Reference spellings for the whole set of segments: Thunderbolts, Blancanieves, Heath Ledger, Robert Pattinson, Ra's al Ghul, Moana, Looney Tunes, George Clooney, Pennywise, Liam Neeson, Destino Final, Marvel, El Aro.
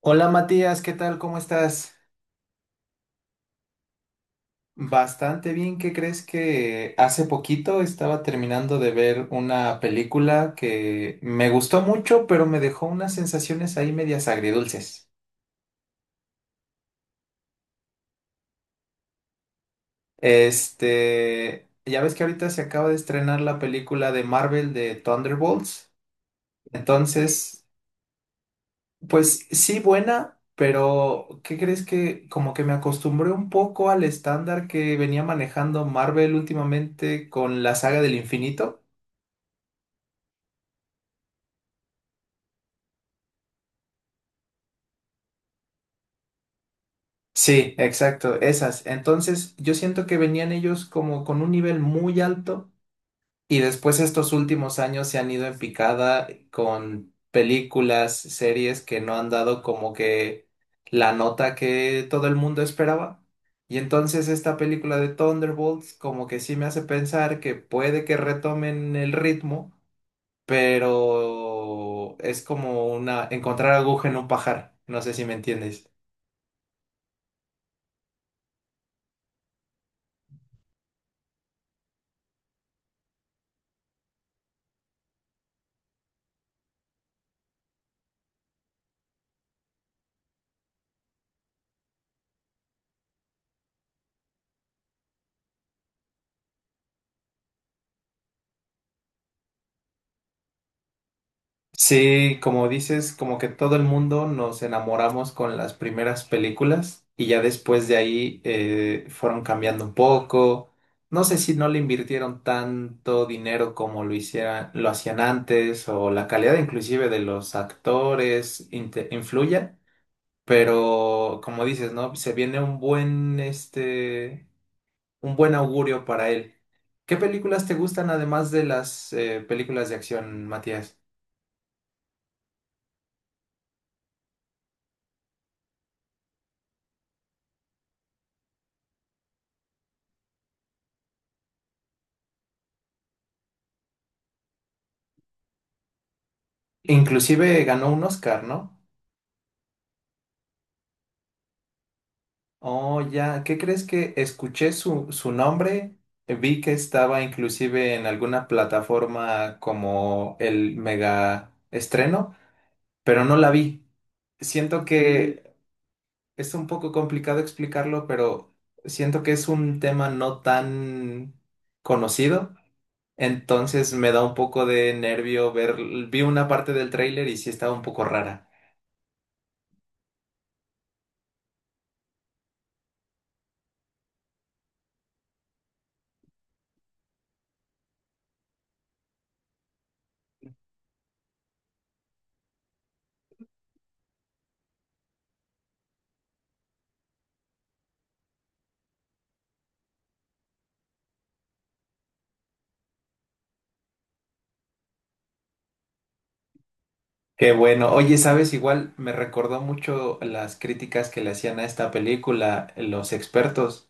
Hola Matías, ¿qué tal? ¿Cómo estás? Bastante bien, ¿qué crees que hace poquito estaba terminando de ver una película que me gustó mucho, pero me dejó unas sensaciones ahí medias agridulces? Ya ves que ahorita se acaba de estrenar la película de Marvel de Thunderbolts. Entonces, pues sí, buena, pero ¿qué crees que como que me acostumbré un poco al estándar que venía manejando Marvel últimamente con la saga del infinito? Sí, exacto, esas. Entonces, yo siento que venían ellos como con un nivel muy alto y después estos últimos años se han ido en picada con películas, series que no han dado como que la nota que todo el mundo esperaba. Y entonces esta película de Thunderbolts como que sí me hace pensar que puede que retomen el ritmo, pero es como una encontrar aguja en un pajar. No sé si me entiendes. Sí, como dices, como que todo el mundo nos enamoramos con las primeras películas y ya después de ahí fueron cambiando un poco. No sé si no le invirtieron tanto dinero como lo hicieran, lo hacían antes o la calidad inclusive de los actores influya, pero como dices, ¿no? Se viene un buen, un buen augurio para él. ¿Qué películas te gustan además de las películas de acción, Matías? Inclusive ganó un Oscar, ¿no? Oh, ya, ¿qué crees que escuché su nombre? Vi que estaba inclusive en alguna plataforma como el mega estreno, pero no la vi. Siento que es un poco complicado explicarlo, pero siento que es un tema no tan conocido. Entonces me da un poco de nervio ver, vi una parte del tráiler y sí estaba un poco rara. Qué bueno. Oye, sabes, igual me recordó mucho las críticas que le hacían a esta película los expertos,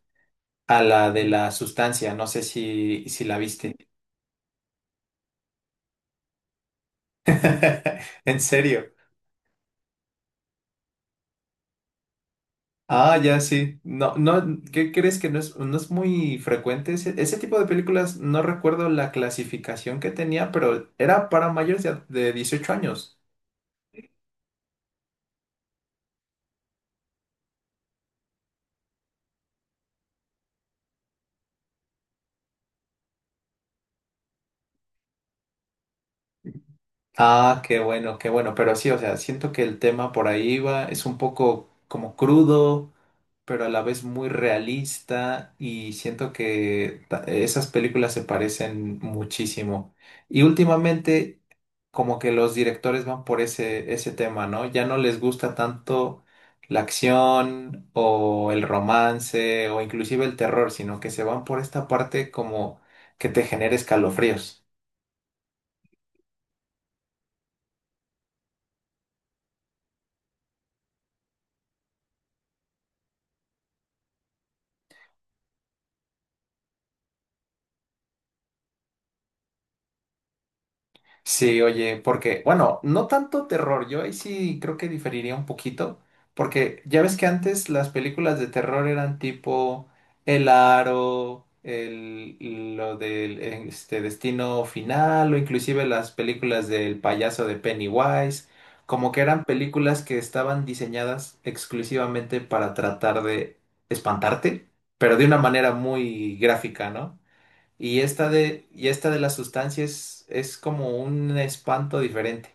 a la de la sustancia. No sé si la viste. En serio. Ah, ya sí. No, no, ¿qué crees que no es, no es muy frecuente? Ese tipo de películas, no recuerdo la clasificación que tenía, pero era para mayores de 18 años. Ah, qué bueno, qué bueno. Pero sí, o sea, siento que el tema por ahí va, es un poco como crudo, pero a la vez muy realista y siento que esas películas se parecen muchísimo. Y últimamente como que los directores van por ese, ese tema, ¿no? Ya no les gusta tanto la acción o el romance o inclusive el terror, sino que se van por esta parte como que te genera escalofríos. Sí, oye, porque, bueno, no tanto terror, yo ahí sí creo que diferiría un poquito, porque ya ves que antes las películas de terror eran tipo El Aro, el, lo del Destino Final, o inclusive las películas del payaso de Pennywise, como que eran películas que estaban diseñadas exclusivamente para tratar de espantarte, pero de una manera muy gráfica, ¿no? Y esta y esta de las sustancias es como un espanto diferente.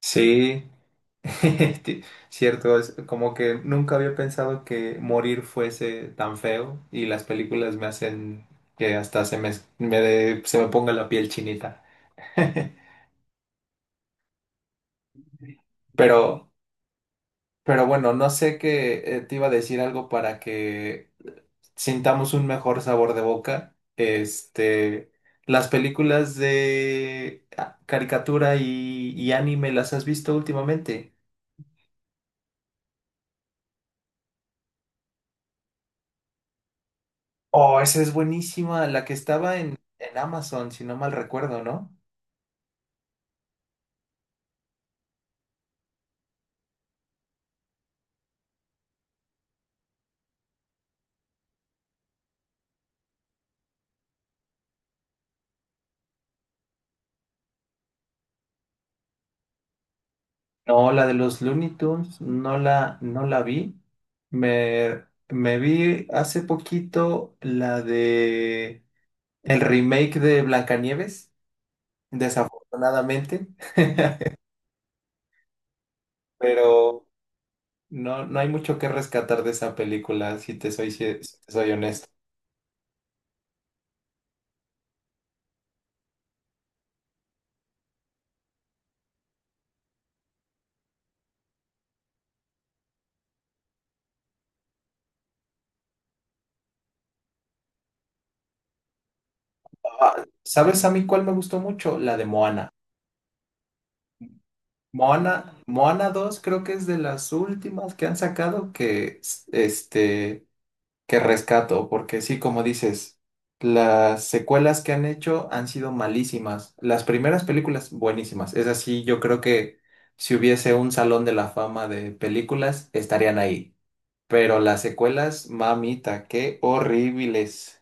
Sí, ti- cierto, es como que nunca había pensado que morir fuese tan feo y las películas me hacen que hasta se me ponga la piel chinita. Pero, pero bueno, no sé qué te iba a decir algo para que sintamos un mejor sabor de boca. Las películas de caricatura y anime, ¿las has visto últimamente? Oh, esa es buenísima, la que estaba en Amazon, si no mal recuerdo, ¿no? No, la de los Looney Tunes, no la vi. Me vi hace poquito la de el remake de Blancanieves, desafortunadamente, pero no, no hay mucho que rescatar de esa película, si te soy, si te soy honesto. Ah, ¿sabes a mí cuál me gustó mucho? La de Moana. Moana, Moana dos creo que es de las últimas que han sacado que, que rescato, porque sí, como dices, las secuelas que han hecho han sido malísimas. Las primeras películas, buenísimas. Es así, yo creo que si hubiese un salón de la fama de películas, estarían ahí. Pero las secuelas, mamita, qué horribles.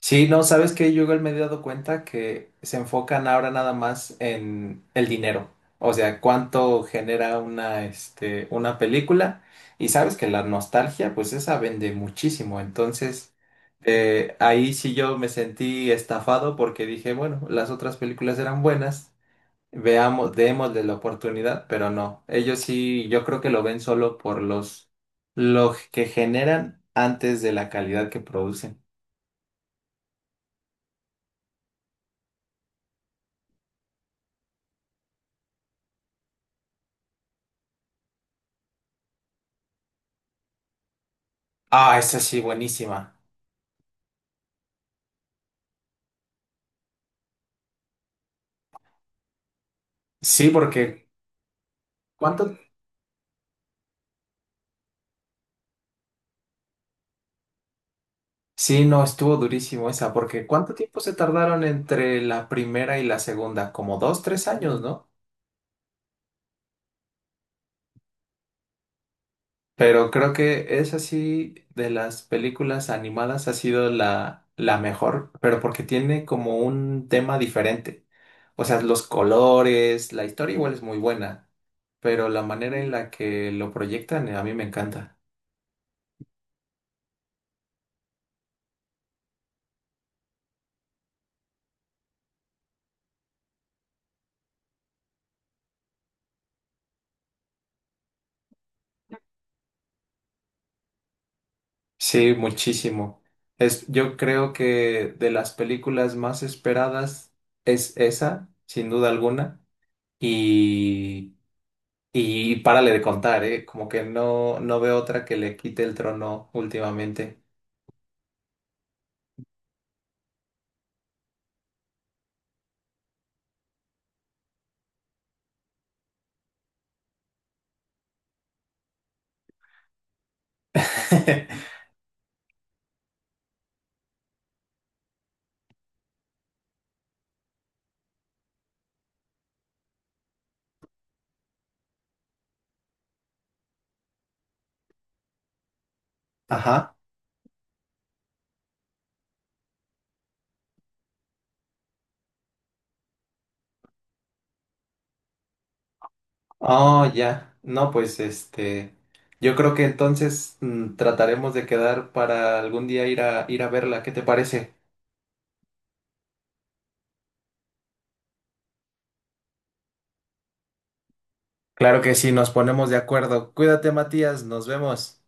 Sí, no, ¿sabes qué? Yo igual me he dado cuenta que se enfocan ahora nada más en el dinero. O sea, cuánto genera una, una película. Y sabes que la nostalgia, pues esa vende muchísimo. Entonces, ahí sí yo me sentí estafado porque dije, bueno, las otras películas eran buenas. Veamos, démosle la oportunidad, pero no. Ellos sí, yo creo que lo ven solo por los, lo que generan antes de la calidad que producen. Ah, esa sí, buenísima. Sí, porque ¿cuánto? Sí, no, estuvo durísimo esa, porque ¿cuánto tiempo se tardaron entre la primera y la segunda? Como dos, tres años, ¿no? Pero creo que esa sí, de las películas animadas, ha sido la mejor, pero porque tiene como un tema diferente. O sea, los colores, la historia igual es muy buena, pero la manera en la que lo proyectan, a mí me encanta. Sí, muchísimo. Es, yo creo que de las películas más esperadas es esa, sin duda alguna. Y, y párale de contar, ¿eh? Como que no, no veo otra que le quite el trono últimamente. Ajá. Oh, ya. No, pues este. Yo creo que entonces trataremos de quedar para algún día ir a verla. ¿Qué te parece? Claro que sí, nos ponemos de acuerdo. Cuídate, Matías, nos vemos.